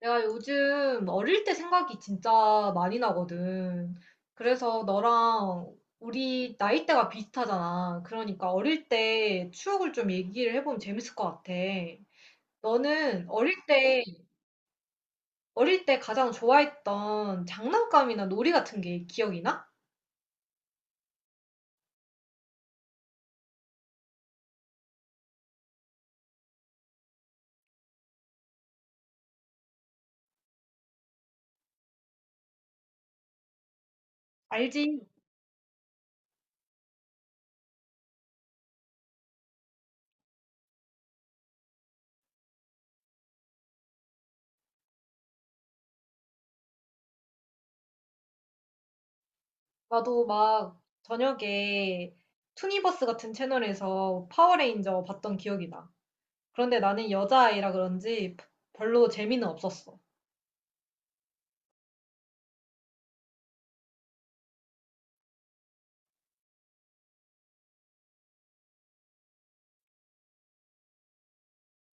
내가 요즘 어릴 때 생각이 진짜 많이 나거든. 그래서 너랑 우리 나이대가 비슷하잖아. 그러니까 어릴 때 추억을 좀 얘기를 해보면 재밌을 것 같아. 너는 어릴 때, 어릴 때 가장 좋아했던 장난감이나 놀이 같은 게 기억이 나? 알지? 나도 막 저녁에 투니버스 같은 채널에서 파워레인저 봤던 기억이 나. 그런데 나는 여자아이라 그런지 별로 재미는 없었어.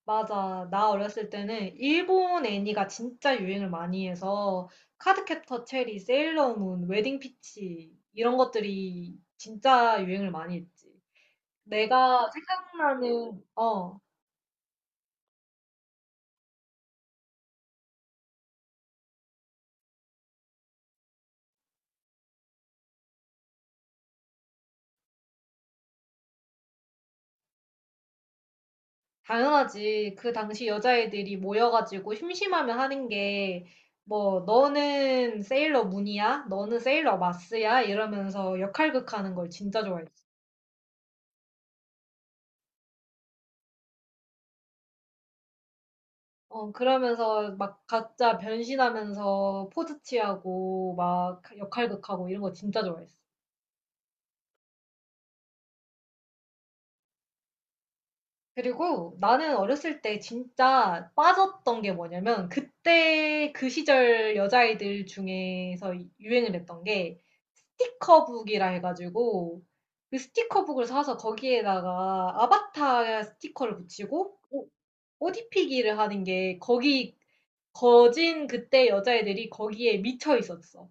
맞아. 나 어렸을 때는 일본 애니가 진짜 유행을 많이 해서 카드캡터 체리, 세일러문, 웨딩 피치 이런 것들이 진짜 유행을 많이 했지. 내가 생각나는 당연하지. 그 당시 여자애들이 모여가지고 심심하면 하는 게 뭐 너는 세일러문이야? 너는 세일러마스야? 이러면서 역할극하는 걸 진짜 좋아했지. 어 그러면서 막 각자 변신하면서 포즈 취하고 막 역할극하고 이런 거 진짜 좋아했어. 그리고 나는 어렸을 때 진짜 빠졌던 게 뭐냐면 그때 그 시절 여자아이들 중에서 유행을 했던 게 스티커북이라 해가지고 그 스티커북을 사서 거기에다가 아바타 스티커를 붙이고 옷 입히기를 하는 게 거기 거진 그때 여자애들이 거기에 미쳐 있었어.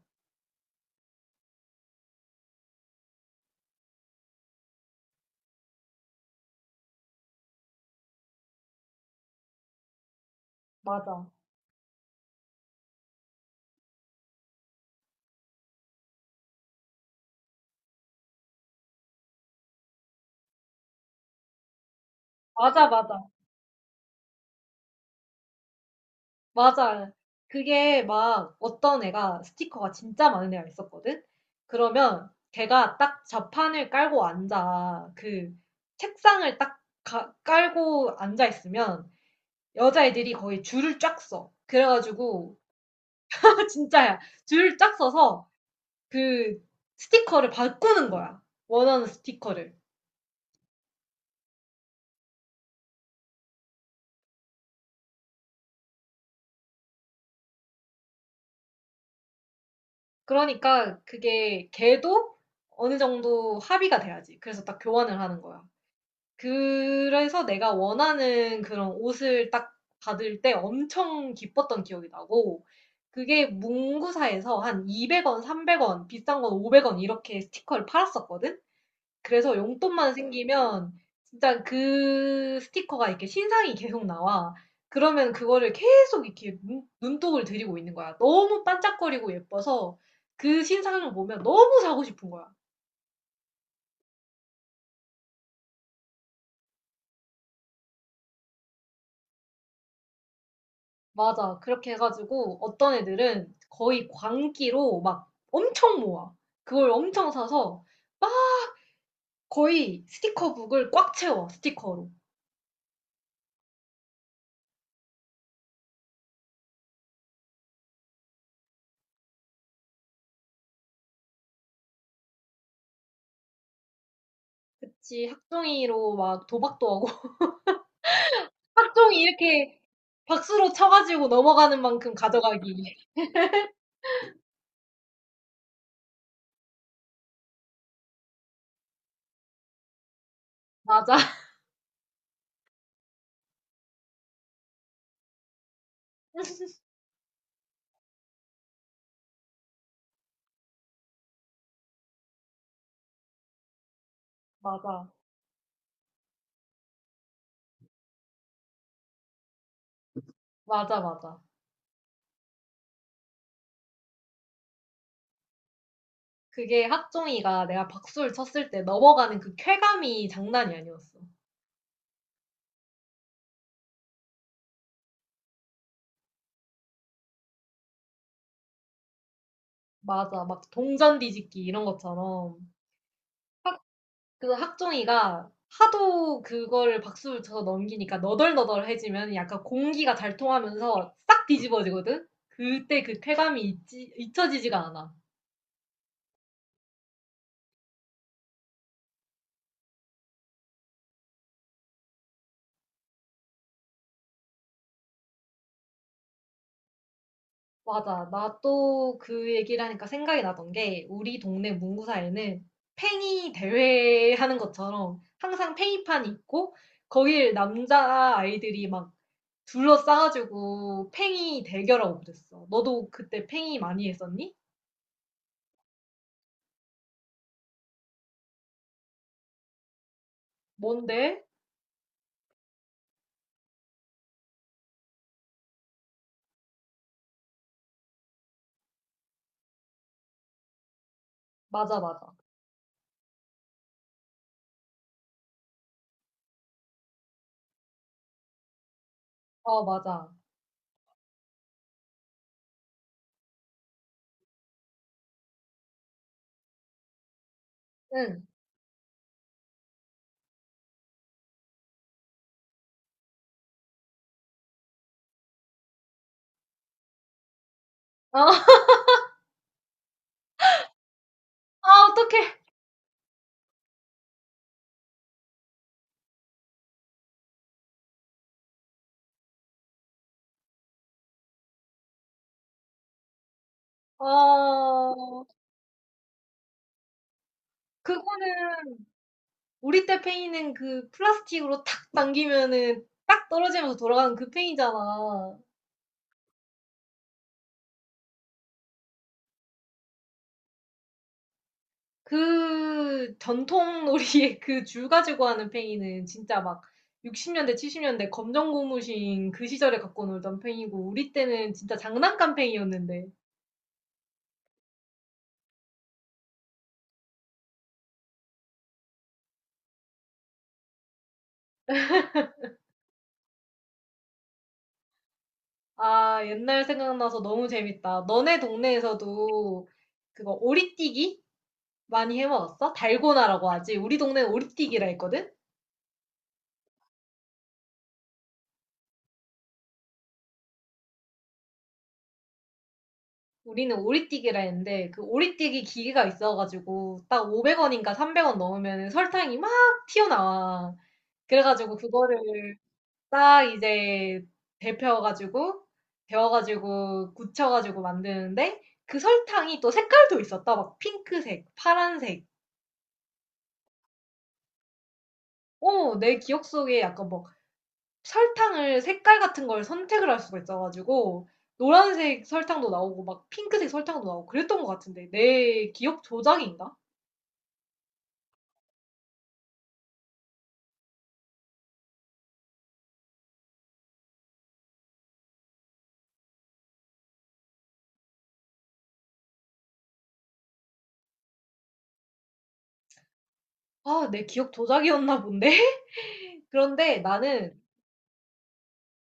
맞아. 맞아, 맞아. 맞아. 그게 막 어떤 애가 스티커가 진짜 많은 애가 있었거든? 그러면 걔가 딱 좌판을 깔고 앉아. 그 책상을 딱 깔고 앉아 있으면 여자애들이 거의 줄을 쫙 서. 그래가지고, 진짜야. 줄을 쫙 서서 그 스티커를 바꾸는 거야. 원하는 스티커를. 그러니까 그게 걔도 어느 정도 합의가 돼야지. 그래서 딱 교환을 하는 거야. 그래서 내가 원하는 그런 옷을 딱 받을 때 엄청 기뻤던 기억이 나고, 그게 문구사에서 한 200원, 300원, 비싼 건 500원 이렇게 스티커를 팔았었거든? 그래서 용돈만 생기면 진짜 그 스티커가 이렇게 신상이 계속 나와. 그러면 그거를 계속 이렇게 눈독을 들이고 있는 거야. 너무 반짝거리고 예뻐서 그 신상을 보면 너무 사고 싶은 거야. 맞아. 그렇게 해가지고 어떤 애들은 거의 광기로 막 엄청 모아. 그걸 엄청 사서 막 거의 스티커북을 꽉 채워, 스티커로. 그치, 학종이로 막 도박도 하고. 학종이 이렇게 박수로 쳐가지고 넘어가는 만큼 가져가기. 맞아. 맞아. 맞아, 맞아. 그게 학종이가 내가 박수를 쳤을 때 넘어가는 그 쾌감이 장난이 아니었어. 맞아. 막 동전 뒤집기 이런 것처럼. 그래서 학종이가 하도 그걸 박수를 쳐서 넘기니까 너덜너덜해지면 약간 공기가 잘 통하면서 싹 뒤집어지거든? 그때 그 쾌감이 잊혀지지가 않아. 맞아. 나 또 그 얘기를 하니까 생각이 나던 게 우리 동네 문구사에는 팽이 대회 하는 것처럼 항상 팽이판이 있고 거길 남자 아이들이 막 둘러싸가지고 팽이 대결하고 그랬어. 너도 그때 팽이 많이 했었니? 뭔데? 맞아, 맞아. 어, 맞아. 응. 어, 아, 어떡해. 어, 그거는 우리 때 팽이는 그 플라스틱으로 탁 당기면은 딱 떨어지면서 돌아가는 그 팽이잖아. 그 전통 놀이의 그 줄 가지고 하는 팽이는 진짜 막 60년대, 70년대 검정 고무신 그 시절에 갖고 놀던 팽이고 우리 때는 진짜 장난감 팽이였는데. 아, 옛날 생각나서 너무 재밌다. 너네 동네에서도 그거 오리뛰기? 많이 해 먹었어? 달고나라고 하지. 우리 동네는 오리띠기라 했거든? 우리는 오리띠기라 했는데 그 오리띠기 기계가 있어가지고 딱 500원인가 300원 넣으면 설탕이 막 튀어나와. 그래가지고 그거를 딱 이제 데펴가지고 데워가지고 굳혀가지고 만드는데 그 설탕이 또 색깔도 있었다. 막 핑크색, 파란색. 어, 내 기억 속에 약간 뭐 설탕을 색깔 같은 걸 선택을 할 수가 있어 가지고 노란색 설탕도 나오고 막 핑크색 설탕도 나오고 그랬던 것 같은데 내 기억 조작인가? 아, 내 기억 조작이었나 본데? 그런데 나는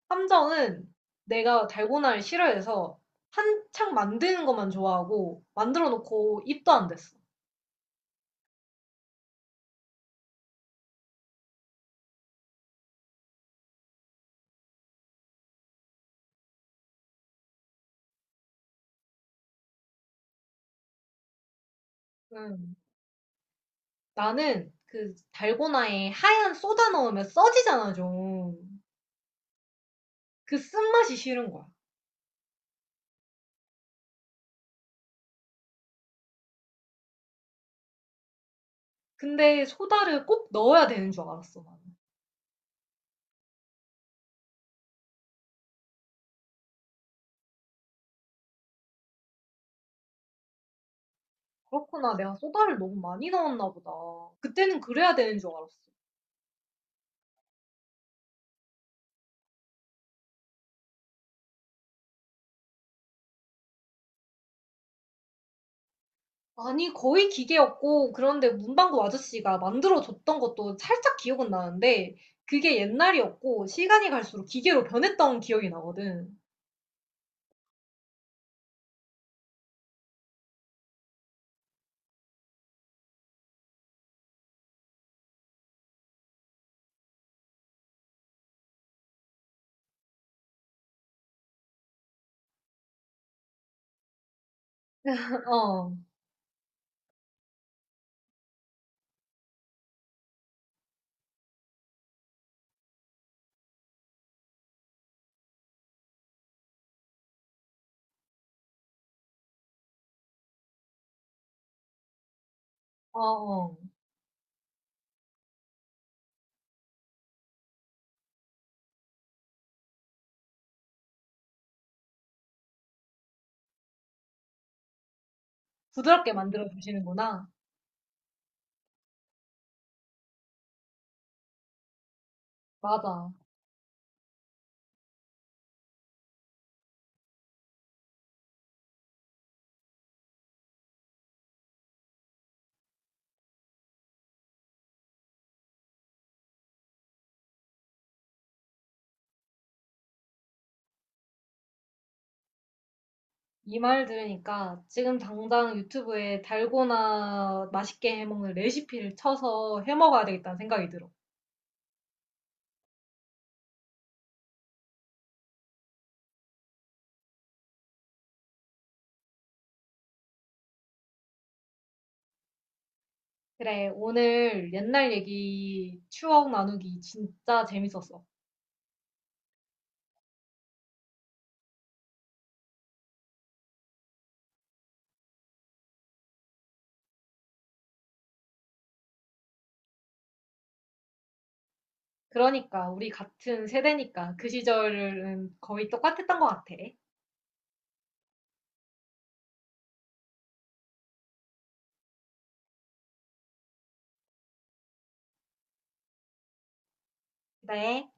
함정은 내가 달고나를 싫어해서 한창 만드는 것만 좋아하고 만들어 놓고 입도 안 댔어. 음. 나는 그 달고나에 하얀 소다 넣으면 써지잖아, 좀. 그 쓴맛이 싫은 거야. 근데 소다를 꼭 넣어야 되는 줄 알았어, 난. 그렇구나. 내가 소다를 너무 많이 넣었나 보다. 그때는 그래야 되는 줄 알았어. 아니, 거의 기계였고, 그런데 문방구 아저씨가 만들어줬던 것도 살짝 기억은 나는데, 그게 옛날이었고, 시간이 갈수록 기계로 변했던 기억이 나거든. 어, 어. 부드럽게 만들어주시는구나. 맞아. 이 말 들으니까 지금 당장 유튜브에 달고나 맛있게 해먹는 레시피를 쳐서 해먹어야 되겠다는 생각이 들어. 그래, 오늘 옛날 얘기 추억 나누기 진짜 재밌었어. 그러니까, 우리 같은 세대니까 그 시절은 거의 똑같았던 것 같아. 그래.